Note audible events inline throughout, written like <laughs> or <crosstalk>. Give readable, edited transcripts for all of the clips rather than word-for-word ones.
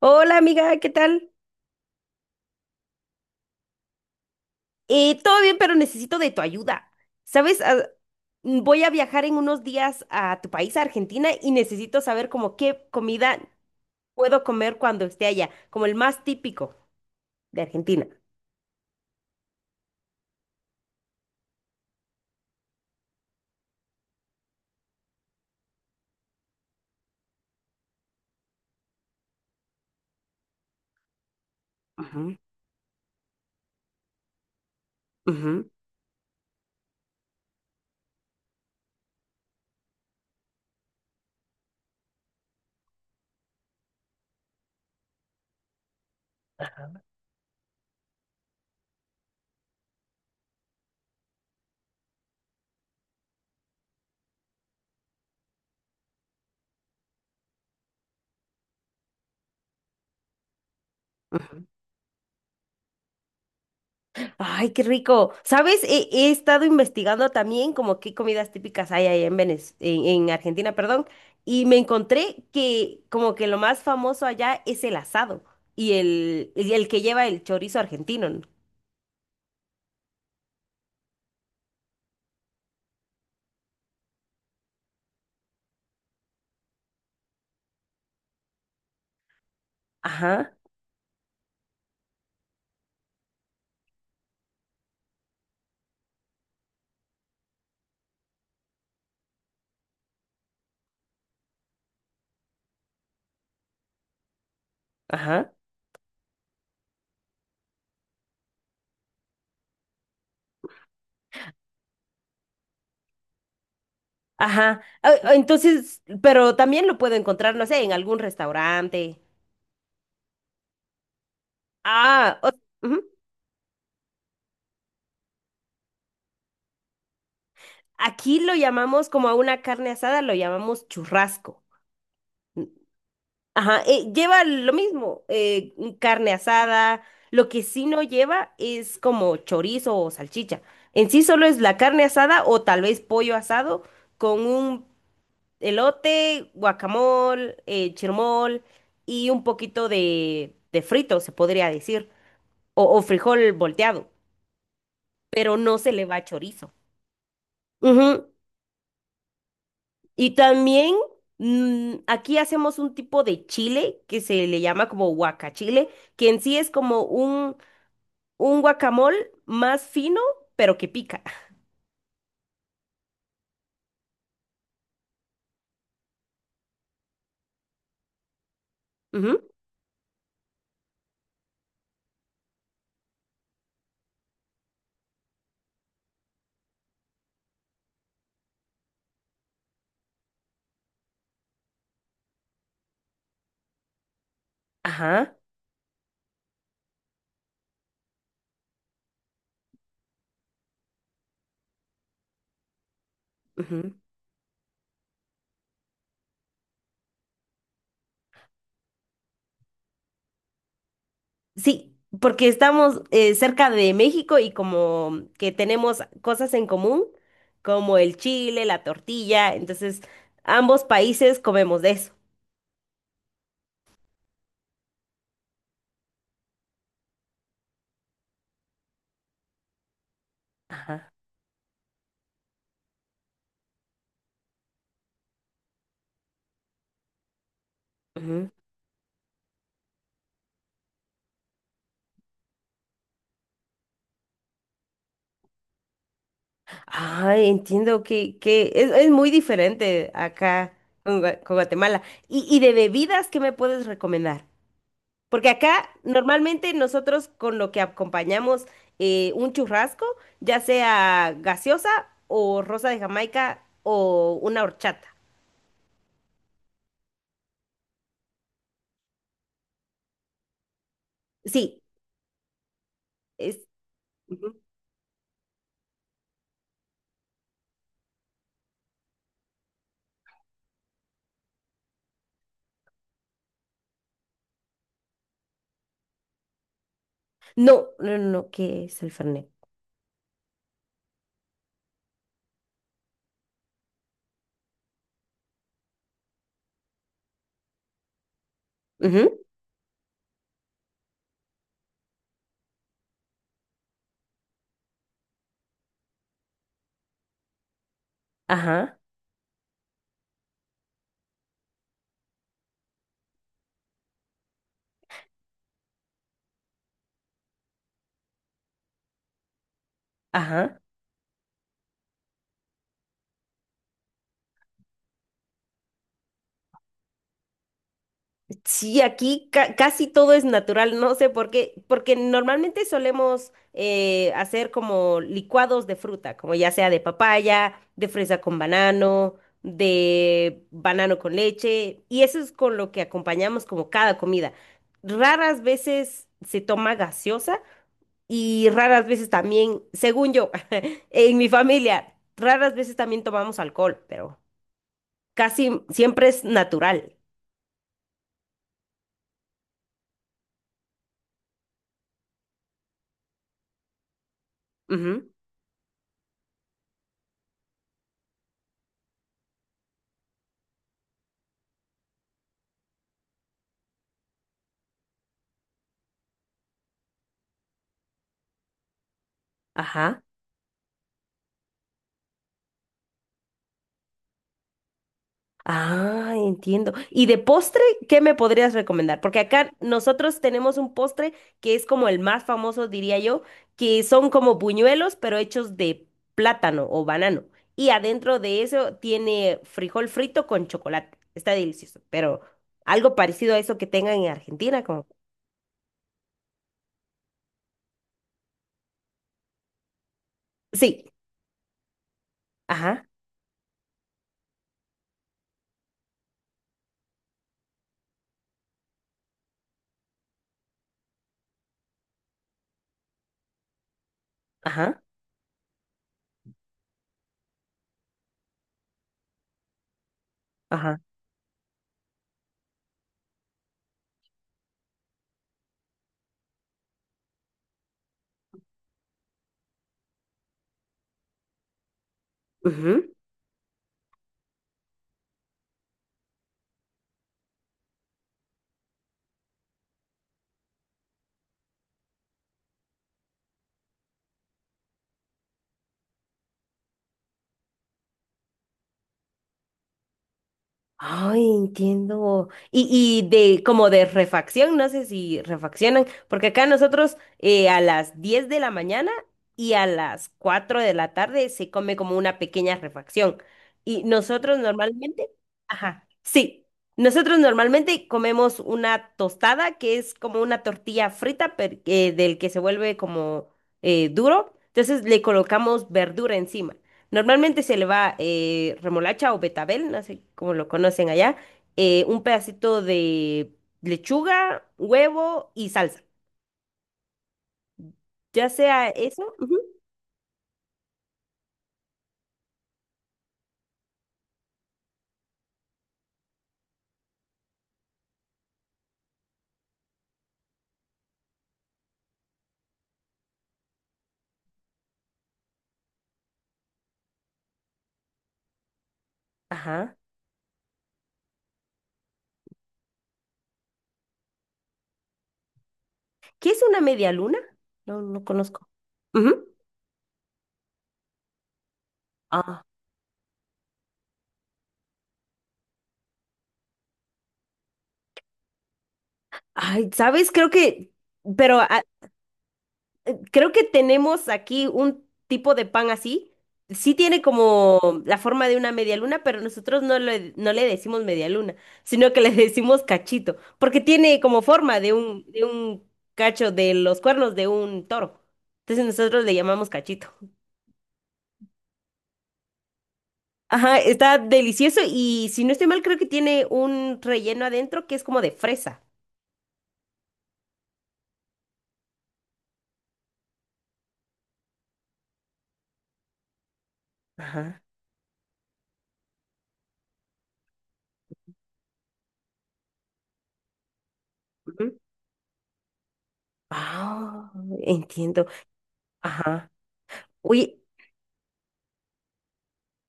Hola amiga, ¿qué tal? Todo bien, pero necesito de tu ayuda. ¿Sabes? Voy a viajar en unos días a tu país, a Argentina, y necesito saber como qué comida puedo comer cuando esté allá, como el más típico de Argentina. Ujú, ujú, ujú. Ay, qué rico. ¿Sabes? He estado investigando también como qué comidas típicas hay ahí en en Argentina, perdón, y me encontré que como que lo más famoso allá es el asado y el que lleva el chorizo argentino, ¿no? Ajá, ajá, ajá. Entonces, pero también lo puedo encontrar, no sé, en algún restaurante. Ah, o- Ujú. Aquí lo llamamos como a una carne asada, lo llamamos churrasco. N- Ajá, lleva lo mismo, un carne asada. Lo que sí no lleva es como chorizo o salchicha. En sí solo es la carne asada o tal vez pollo asado con un elote, guacamole, chirmol y un poquito de frito, se podría decir, o frijol volteado, pero no se le va chorizo. Ujú. Y también aquí hacemos un tipo de chile que se le llama como guacachile, que en sí es como un guacamole más fino, pero que pica. Ujú. Ajá. Sí, porque estamos cerca de México y como que tenemos cosas en común, como el chile, la tortilla, entonces ambos países comemos de eso. Ajá. Ujú. Ah, entiendo que es muy diferente acá con, con Guatemala. Y de bebidas qué me puedes recomendar? Porque acá normalmente nosotros con lo que acompañamos un churrasco, ya sea gaseosa o rosa de Jamaica o una horchata. Sí, es, Ujú. No, no, no, no, ¿qué es el Fernet? Ujú, ajá, ajá. Sí, aquí casi todo es natural, no sé por qué, porque normalmente solemos hacer como licuados de fruta, como ya sea de papaya, de fresa con banano, de banano con leche, y eso es con lo que acompañamos como cada comida. Raras veces se toma gaseosa. Y raras veces también, según yo, <laughs> en mi familia, raras veces también tomamos alcohol, pero casi siempre es natural. Ujú. Ajá. Ah, entiendo. ¿Y de postre, qué me podrías recomendar? Porque acá nosotros tenemos un postre que es como el más famoso, diría yo, que son como buñuelos, pero hechos de plátano o banano. Y adentro de eso tiene frijol frito con chocolate. Está delicioso, pero algo parecido a eso que tengan en Argentina, como... Sí. Ajá, ajá, ajá. Ujú. Ay, entiendo. Y de como de refacción, no sé si refaccionan, porque acá nosotros a las 10 de la mañana y a las 4 de la tarde se come como una pequeña refacción. Y nosotros normalmente, ajá, sí, nosotros normalmente comemos una tostada que es como una tortilla del que se vuelve como duro. Entonces le colocamos verdura encima. Normalmente se le va remolacha o betabel, no sé cómo lo conocen allá, un pedacito de lechuga, huevo y salsa. Ya sea eso. Ujú, ajá. ¿Qué es una media luna? No, no conozco. Ujú. Ah. Ay, ¿sabes? Pero a- creo que tenemos aquí un tipo de pan así. Sí tiene como la forma de una media luna, pero nosotros no le decimos media luna, sino que le <laughs> decimos cachito, porque tiene como forma de de un cacho de los cuernos de un toro. Entonces nosotros le llamamos cachito. Ajá, está delicioso y si no estoy mal, creo que tiene un relleno adentro que es como de fresa. Ajá. Ujú. Ah, entiendo. Ajá. Oye,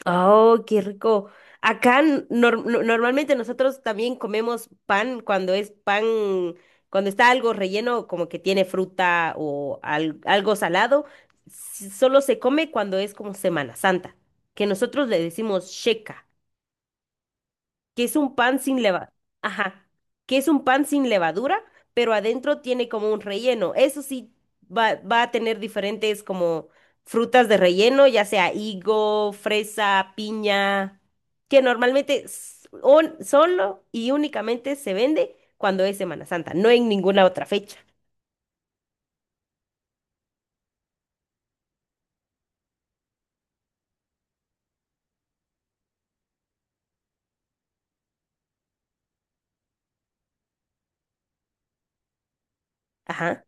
oh, qué rico. Acá normalmente nosotros también comemos pan cuando es pan, cuando está algo relleno, como que tiene fruta o algo salado. Solo se come cuando es como Semana Santa, que nosotros le decimos sheca, que es un pan sin leva, ajá, que es un pan sin levadura, pero adentro tiene como un relleno. Eso sí va, va a tener diferentes como frutas de relleno, ya sea higo, fresa, piña, que normalmente solo y únicamente se vende cuando es Semana Santa, no en ninguna otra fecha. Ajá.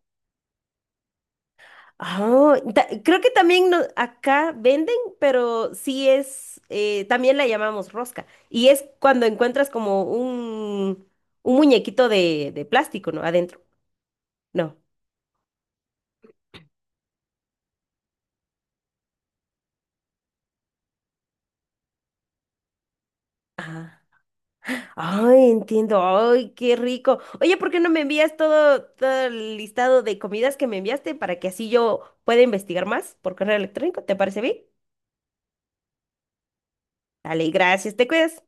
Ah, creo que también acá venden, pero sí es, también la llamamos rosca. Y es cuando encuentras como un muñequito de plástico, ¿no? Adentro. No. Ah. Ay, entiendo. Ay, qué rico. Oye, ¿por qué no me envías todo el listado de comidas que me enviaste para que así yo pueda investigar más por correo electrónico? ¿Te parece bien? Dale, gracias, te cuidas.